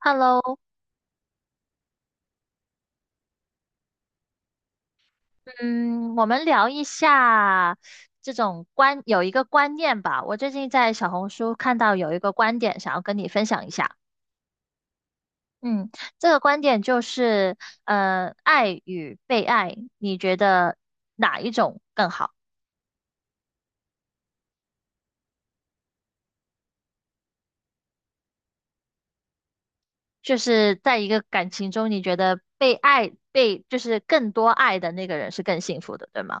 Hello，嗯，我们聊一下这种观，有一个观念吧。我最近在小红书看到有一个观点，想要跟你分享一下。嗯，这个观点就是，爱与被爱，你觉得哪一种更好？就是在一个感情中，你觉得被爱，被就是更多爱的那个人是更幸福的，对吗？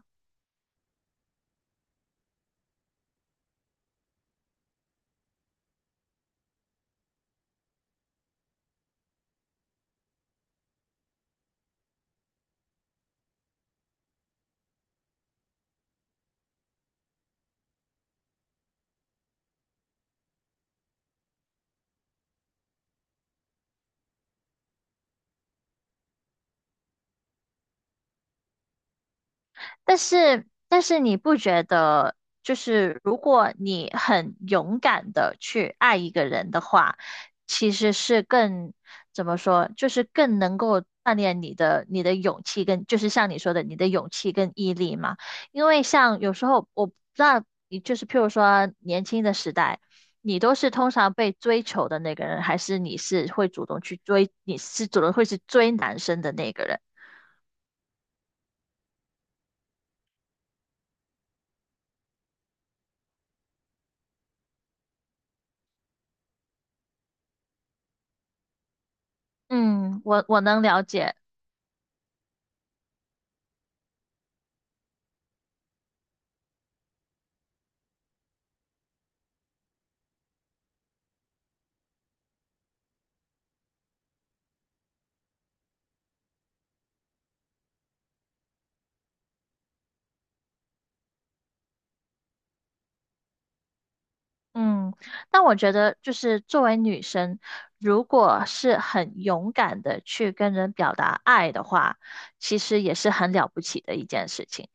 但是你不觉得，就是如果你很勇敢的去爱一个人的话，其实是怎么说，就是更能够锻炼你的勇气跟，就是像你说的，你的勇气跟毅力嘛。因为像有时候我不知道，你就是譬如说年轻的时代，你都是通常被追求的那个人，还是你是会主动去追，你是主动会去追男生的那个人？嗯，我能了解。嗯，但我觉得就是作为女生，如果是很勇敢的去跟人表达爱的话，其实也是很了不起的一件事情。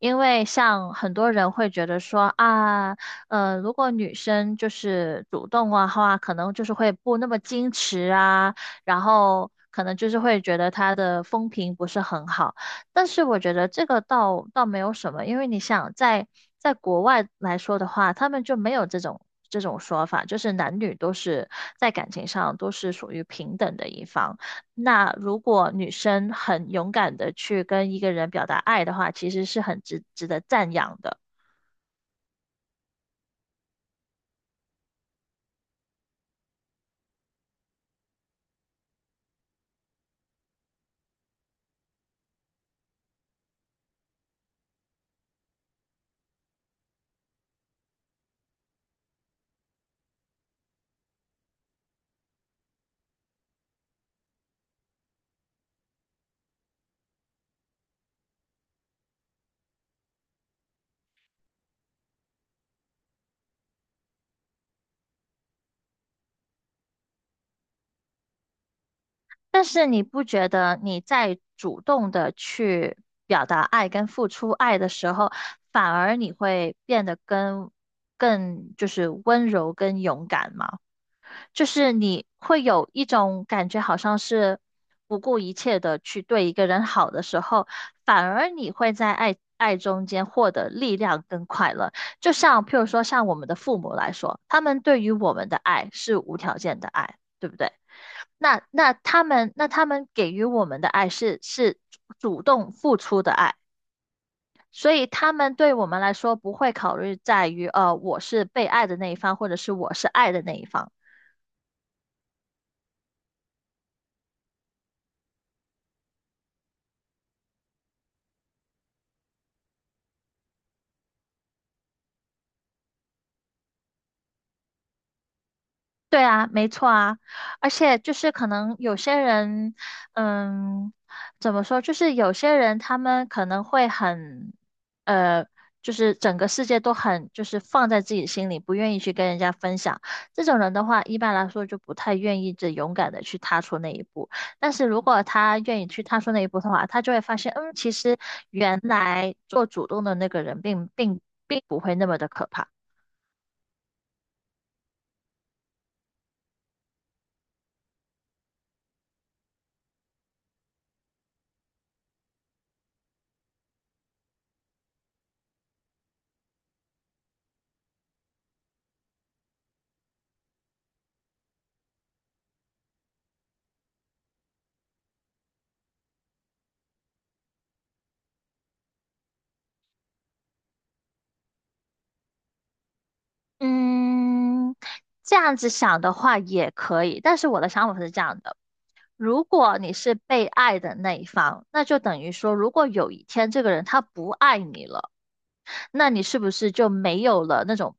因为像很多人会觉得说啊，如果女生就是主动的话，可能就是会不那么矜持啊，然后可能就是会觉得她的风评不是很好。但是我觉得这个倒没有什么，因为你想在国外来说的话，他们就没有这种说法，就是男女都是在感情上都是属于平等的一方。那如果女生很勇敢的去跟一个人表达爱的话，其实是很值得赞扬的。但是你不觉得你在主动的去表达爱跟付出爱的时候，反而你会变得跟更就是温柔跟勇敢吗？就是你会有一种感觉，好像是不顾一切的去对一个人好的时候，反而你会在爱中间获得力量跟快乐。就像譬如说，像我们的父母来说，他们对于我们的爱是无条件的爱，对不对？那他们给予我们的爱是主动付出的爱。所以他们对我们来说不会考虑在于，我是被爱的那一方，或者是我是爱的那一方。对啊，没错啊，而且就是可能有些人，嗯，怎么说，就是有些人他们可能会很，呃，就是整个世界都很就是放在自己心里，不愿意去跟人家分享。这种人的话，一般来说就不太愿意这勇敢的去踏出那一步。但是如果他愿意去踏出那一步的话，他就会发现，嗯，其实原来做主动的那个人并不会那么的可怕。嗯，这样子想的话也可以，但是我的想法是这样的：如果你是被爱的那一方，那就等于说，如果有一天这个人他不爱你了，那你是不是就没有了那种，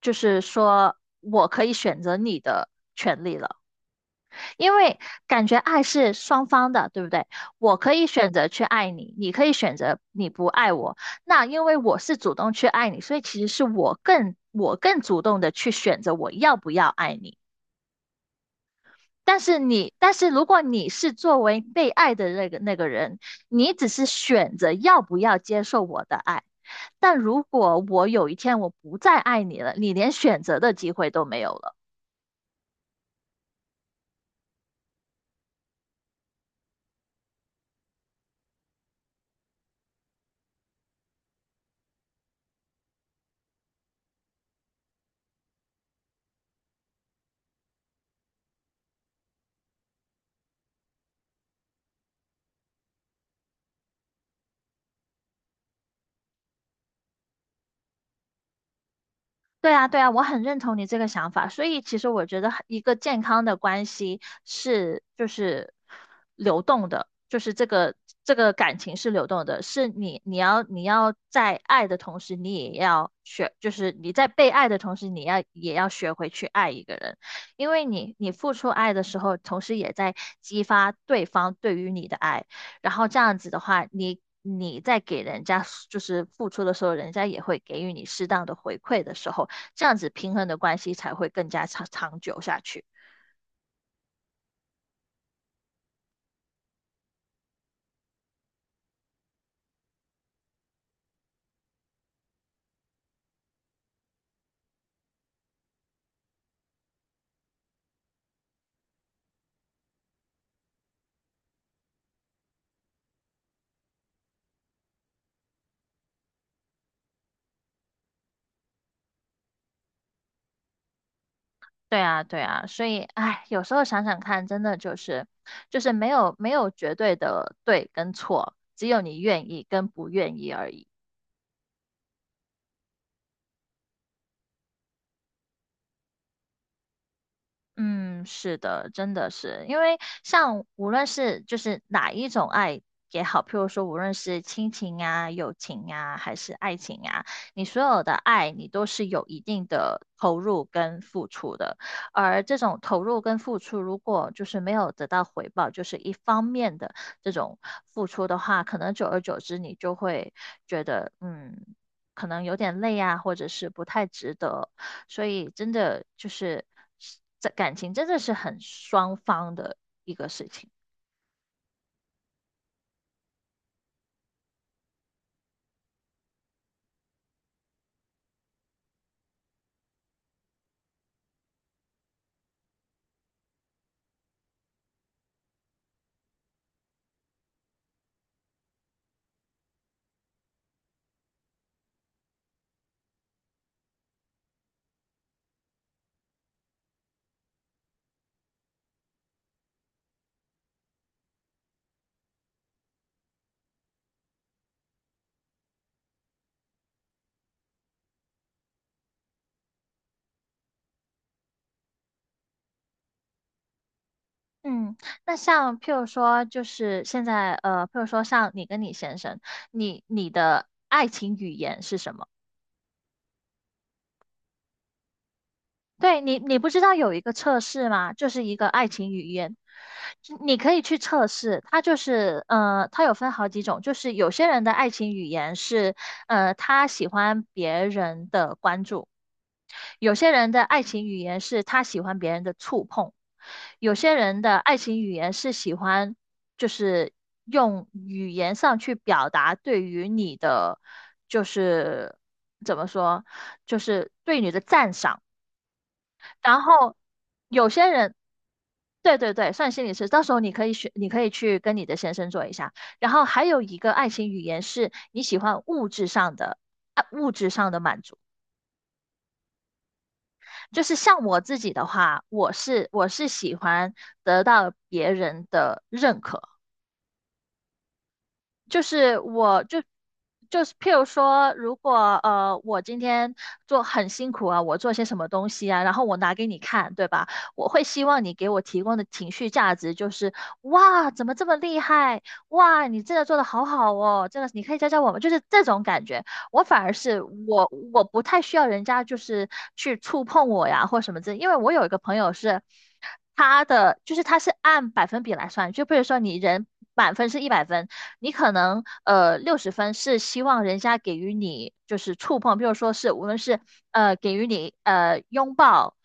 就是说我可以选择你的权利了？因为感觉爱是双方的，对不对？我可以选择去爱你，你可以选择你不爱我。那因为我是主动去爱你，所以其实是我更主动的去选择我要不要爱你。但是你，但是如果你是作为被爱的那个人，你只是选择要不要接受我的爱。但如果我有一天我不再爱你了，你连选择的机会都没有了。对啊，对啊，我很认同你这个想法。所以其实我觉得很一个健康的关系是就是流动的，就是这个感情是流动的，是你要在爱的同时，你也要学，就是你在被爱的同时，你要也要学会去爱一个人，因为你付出爱的时候，同时也在激发对方对于你的爱，然后这样子的话，你。你在给人家就是付出的时候，人家也会给予你适当的回馈的时候，这样子平衡的关系才会更加长久下去。对啊，对啊，所以哎，有时候想想看，真的就是就是没有绝对的对跟错，只有你愿意跟不愿意而已。嗯，是的，真的是，因为像无论是就是哪一种爱也好，譬如说无论是亲情啊、友情啊，还是爱情啊，你所有的爱你都是有一定的投入跟付出的，而这种投入跟付出如果就是没有得到回报，就是一方面的这种付出的话，可能久而久之你就会觉得，嗯，可能有点累啊，或者是不太值得，所以真的就是这感情真的是很双方的。嗯，那像譬如说，就是现在呃，譬如说像你跟你先生，你你的爱情语言是什么？对你，你不知道有一个测试吗？就是一个爱情语言，你可以去测试。它就是，它有分好几种，就是有些人的爱情语言是，他喜欢别人的关注，有些人的爱情语言是他喜欢别人的触碰，有些人的爱情语言是喜欢，就是用语言上去表达对于你的，就是怎么说，就是对你的赞赏。然后有些人，对对对，算心理师，到时候你可以选，你可以去跟你的先生做一下。然后还有一个爱情语言是你喜欢物质上的，啊，物质上的满足。就是像我自己的话，我是喜欢得到别人的认可。就是譬如说，如果我今天做很辛苦啊，我做些什么东西啊，然后我拿给你看，对吧？我会希望你给我提供的情绪价值就是哇，怎么这么厉害？哇，你真的做的好好哦，真的，是你可以教教我们，就是这种感觉。我反而是我不太需要人家就是去触碰我呀或什么之类，因为我有一个朋友是。他的就是他是按百分比来算，就比如说你人满分是100分，你可能60分是希望人家给予你就是触碰，比如说是无论是给予你拥抱、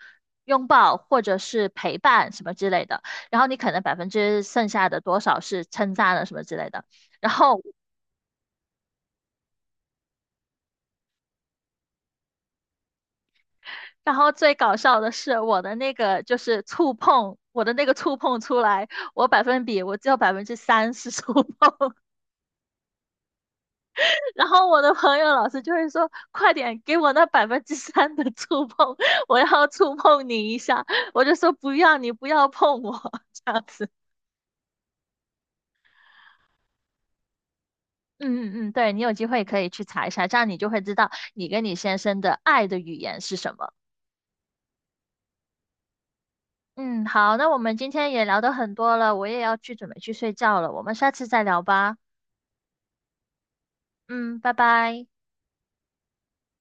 拥抱或者是陪伴什么之类的，然后你可能百分之剩下的多少是称赞了什么之类的，然后然后最搞笑的是我的那个就是触碰，我的那个触碰出来，我百分比我只有百分之三是触碰。然后我的朋友老师就会说：“快点给我那百分之三的触碰，我要触碰你一下。”我就说：“不要，你不要碰我。这样子。嗯嗯嗯，对，你有机会可以去查一下，这样你就会知道你跟你先生的爱的语言是什么。嗯，好，那我们今天也聊得很多了，我也要去准备去睡觉了，我们下次再聊吧。嗯，拜拜。